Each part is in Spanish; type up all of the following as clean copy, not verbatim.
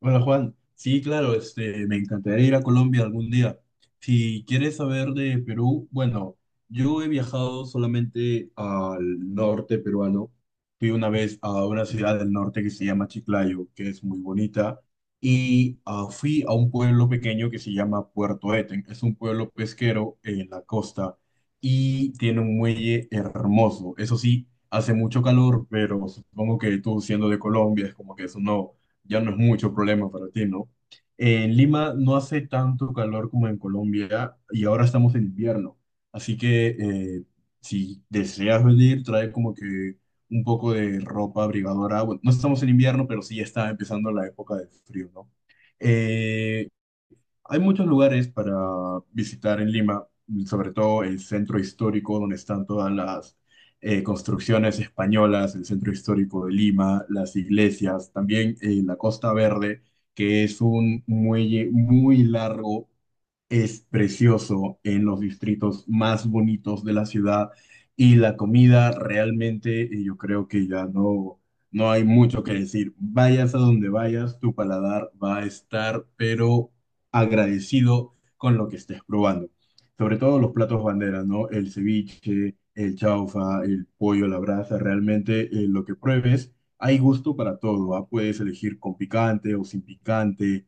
Hola Juan, sí, claro, me encantaría ir a Colombia algún día. Si quieres saber de Perú, bueno, yo he viajado solamente al norte peruano. Fui una vez a una ciudad del norte que se llama Chiclayo, que es muy bonita, y fui a un pueblo pequeño que se llama Puerto Eten. Es un pueblo pesquero en la costa y tiene un muelle hermoso. Eso sí, hace mucho calor, pero supongo que tú, siendo de Colombia, es como que eso no ya no es mucho problema para ti, ¿no? En Lima no hace tanto calor como en Colombia y ahora estamos en invierno. Así que, si deseas venir, trae como que un poco de ropa abrigadora. Bueno, no estamos en invierno, pero sí ya está empezando la época de frío, ¿no? Eh, hay muchos lugares para visitar en Lima, sobre todo el centro histórico, donde están todas las construcciones españolas, el centro histórico de Lima, las iglesias, también la Costa Verde, que es un muelle muy largo, es precioso, en los distritos más bonitos de la ciudad. Y la comida, realmente, yo creo que no hay mucho que decir. Vayas a donde vayas, tu paladar va a estar pero agradecido con lo que estés probando. Sobre todo los platos banderas, ¿no? El ceviche, el chaufa, el pollo a la brasa. Realmente, lo que pruebes, hay gusto para todo, ¿ah? Puedes elegir con picante o sin picante.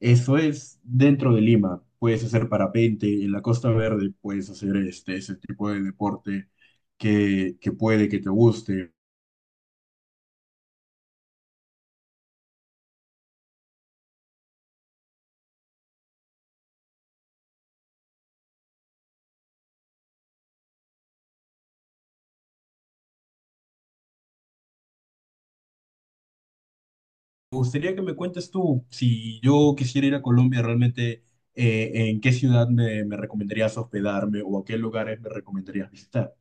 Eso es dentro de Lima. Puedes hacer parapente en la Costa Verde, puedes hacer ese tipo de deporte que puede que te guste. Me gustaría que me cuentes tú, si yo quisiera ir a Colombia, realmente, ¿en qué ciudad me recomendarías hospedarme o a qué lugares me recomendarías visitar?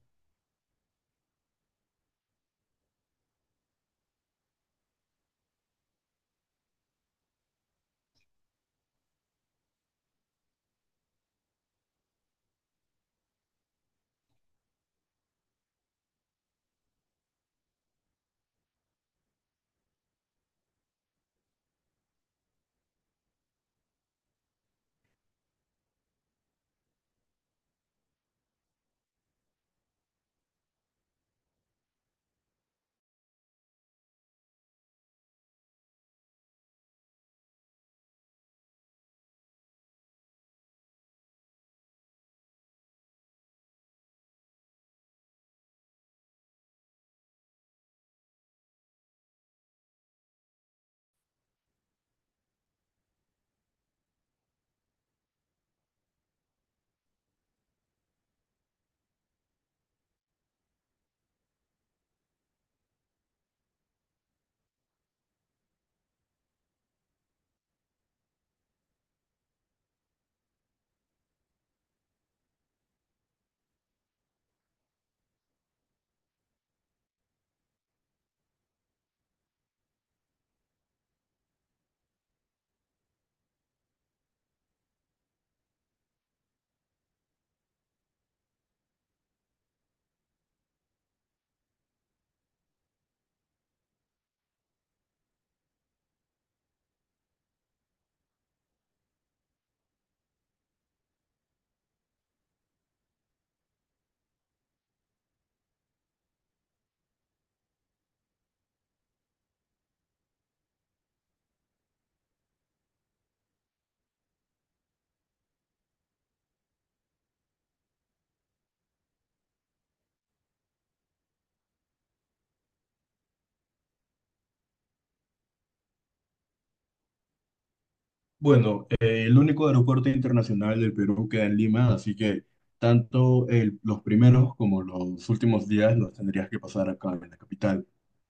Bueno, el único aeropuerto internacional del Perú queda en Lima, así que tanto los primeros como los últimos días los tendrías que pasar acá en la capital,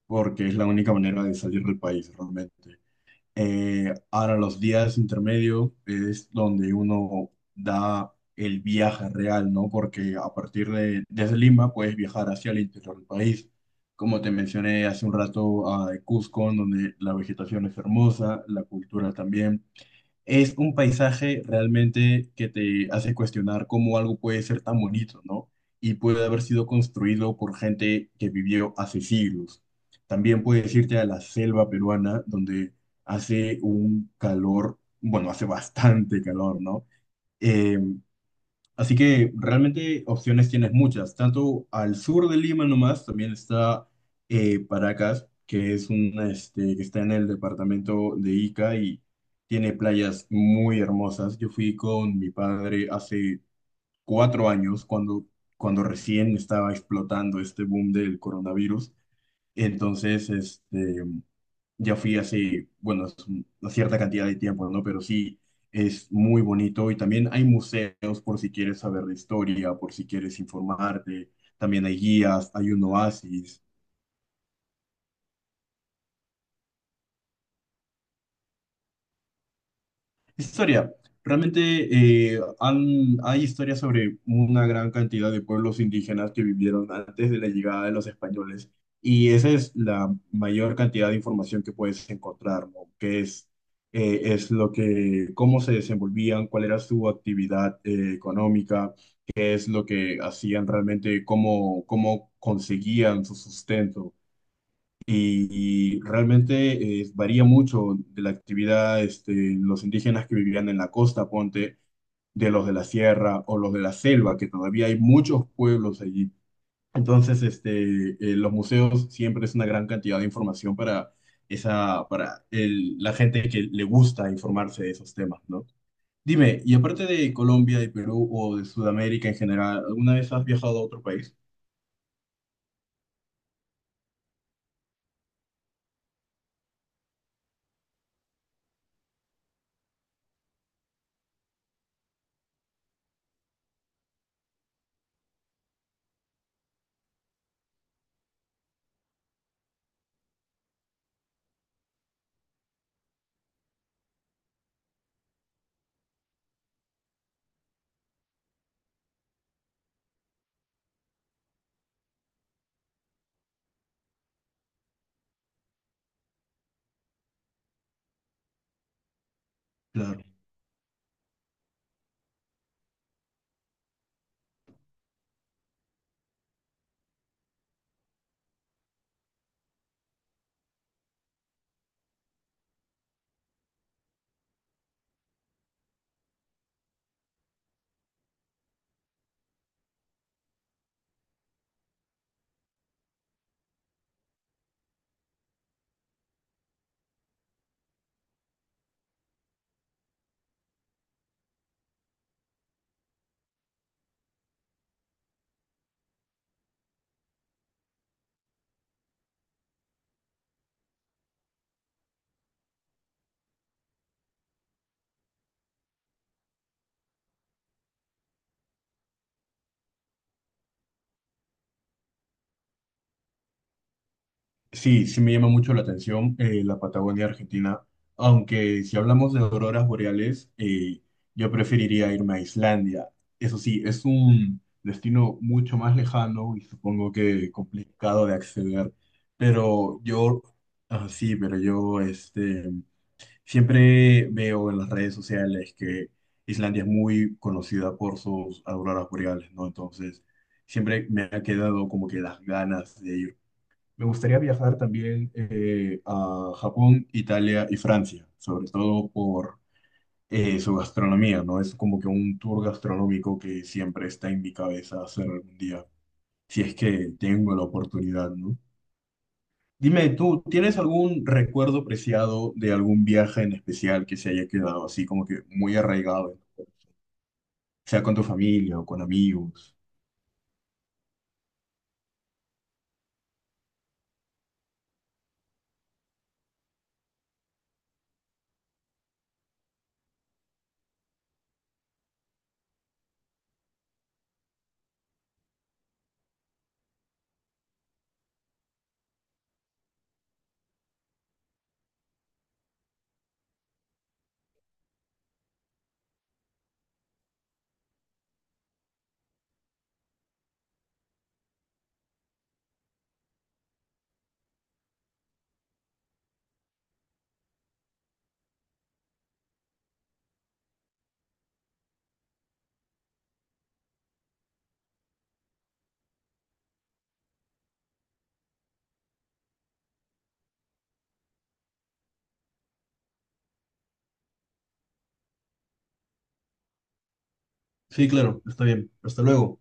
porque es la única manera de salir del país realmente. Ahora los días intermedios es donde uno da el viaje real, ¿no? Porque a partir de desde Lima puedes viajar hacia el interior del país. Como te mencioné hace un rato, a Cusco, donde la vegetación es hermosa, la cultura también, es un paisaje realmente que te hace cuestionar cómo algo puede ser tan bonito, ¿no? Y puede haber sido construido por gente que vivió hace siglos. También puedes irte a la selva peruana, donde hace un calor, bueno, hace bastante calor, ¿no? Eh, Así que realmente opciones tienes muchas. Tanto al sur de Lima nomás, también está Paracas, que es que está en el departamento de Ica y tiene playas muy hermosas. Yo fui con mi padre hace 4 años, cuando recién estaba explotando este boom del coronavirus. Entonces, ya fui hace, bueno, es una cierta cantidad de tiempo, ¿no? Pero sí, es muy bonito y también hay museos, por si quieres saber de historia, por si quieres informarte, también hay guías, hay un oasis. Historia. Realmente, hay historias sobre una gran cantidad de pueblos indígenas que vivieron antes de la llegada de los españoles, y esa es la mayor cantidad de información que puedes encontrar, ¿no? Que es lo que, cómo se desenvolvían, cuál era su actividad, económica, es lo que hacían realmente, cómo conseguían su sustento. Y realmente, varía mucho de la actividad, los indígenas que vivían en la costa, ponte, de los de la sierra o los de la selva, que todavía hay muchos pueblos allí. Entonces, los museos siempre es una gran cantidad de información para, para la gente que le gusta informarse de esos temas, ¿no? Dime, y aparte de Colombia, de Perú o de Sudamérica en general, ¿alguna vez has viajado a otro país? Sí, sí me llama mucho la atención, la Patagonia Argentina, aunque si hablamos de auroras boreales, yo preferiría irme a Islandia. Eso sí, es un destino mucho más lejano y supongo que complicado de acceder, pero yo, sí, pero yo, siempre veo en las redes sociales que Islandia es muy conocida por sus auroras boreales, ¿no? Entonces, siempre me ha quedado como que las ganas de ir. Me gustaría viajar también, a Japón, Italia y Francia, sobre todo por su gastronomía, ¿no? Es como que un tour gastronómico que siempre está en mi cabeza hacer algún día, si es que tengo la oportunidad, ¿no? Dime, ¿tú tienes algún recuerdo preciado de algún viaje en especial que se haya quedado así como que muy arraigado, sea con tu familia o con amigos? Sí, claro, está bien. Hasta luego.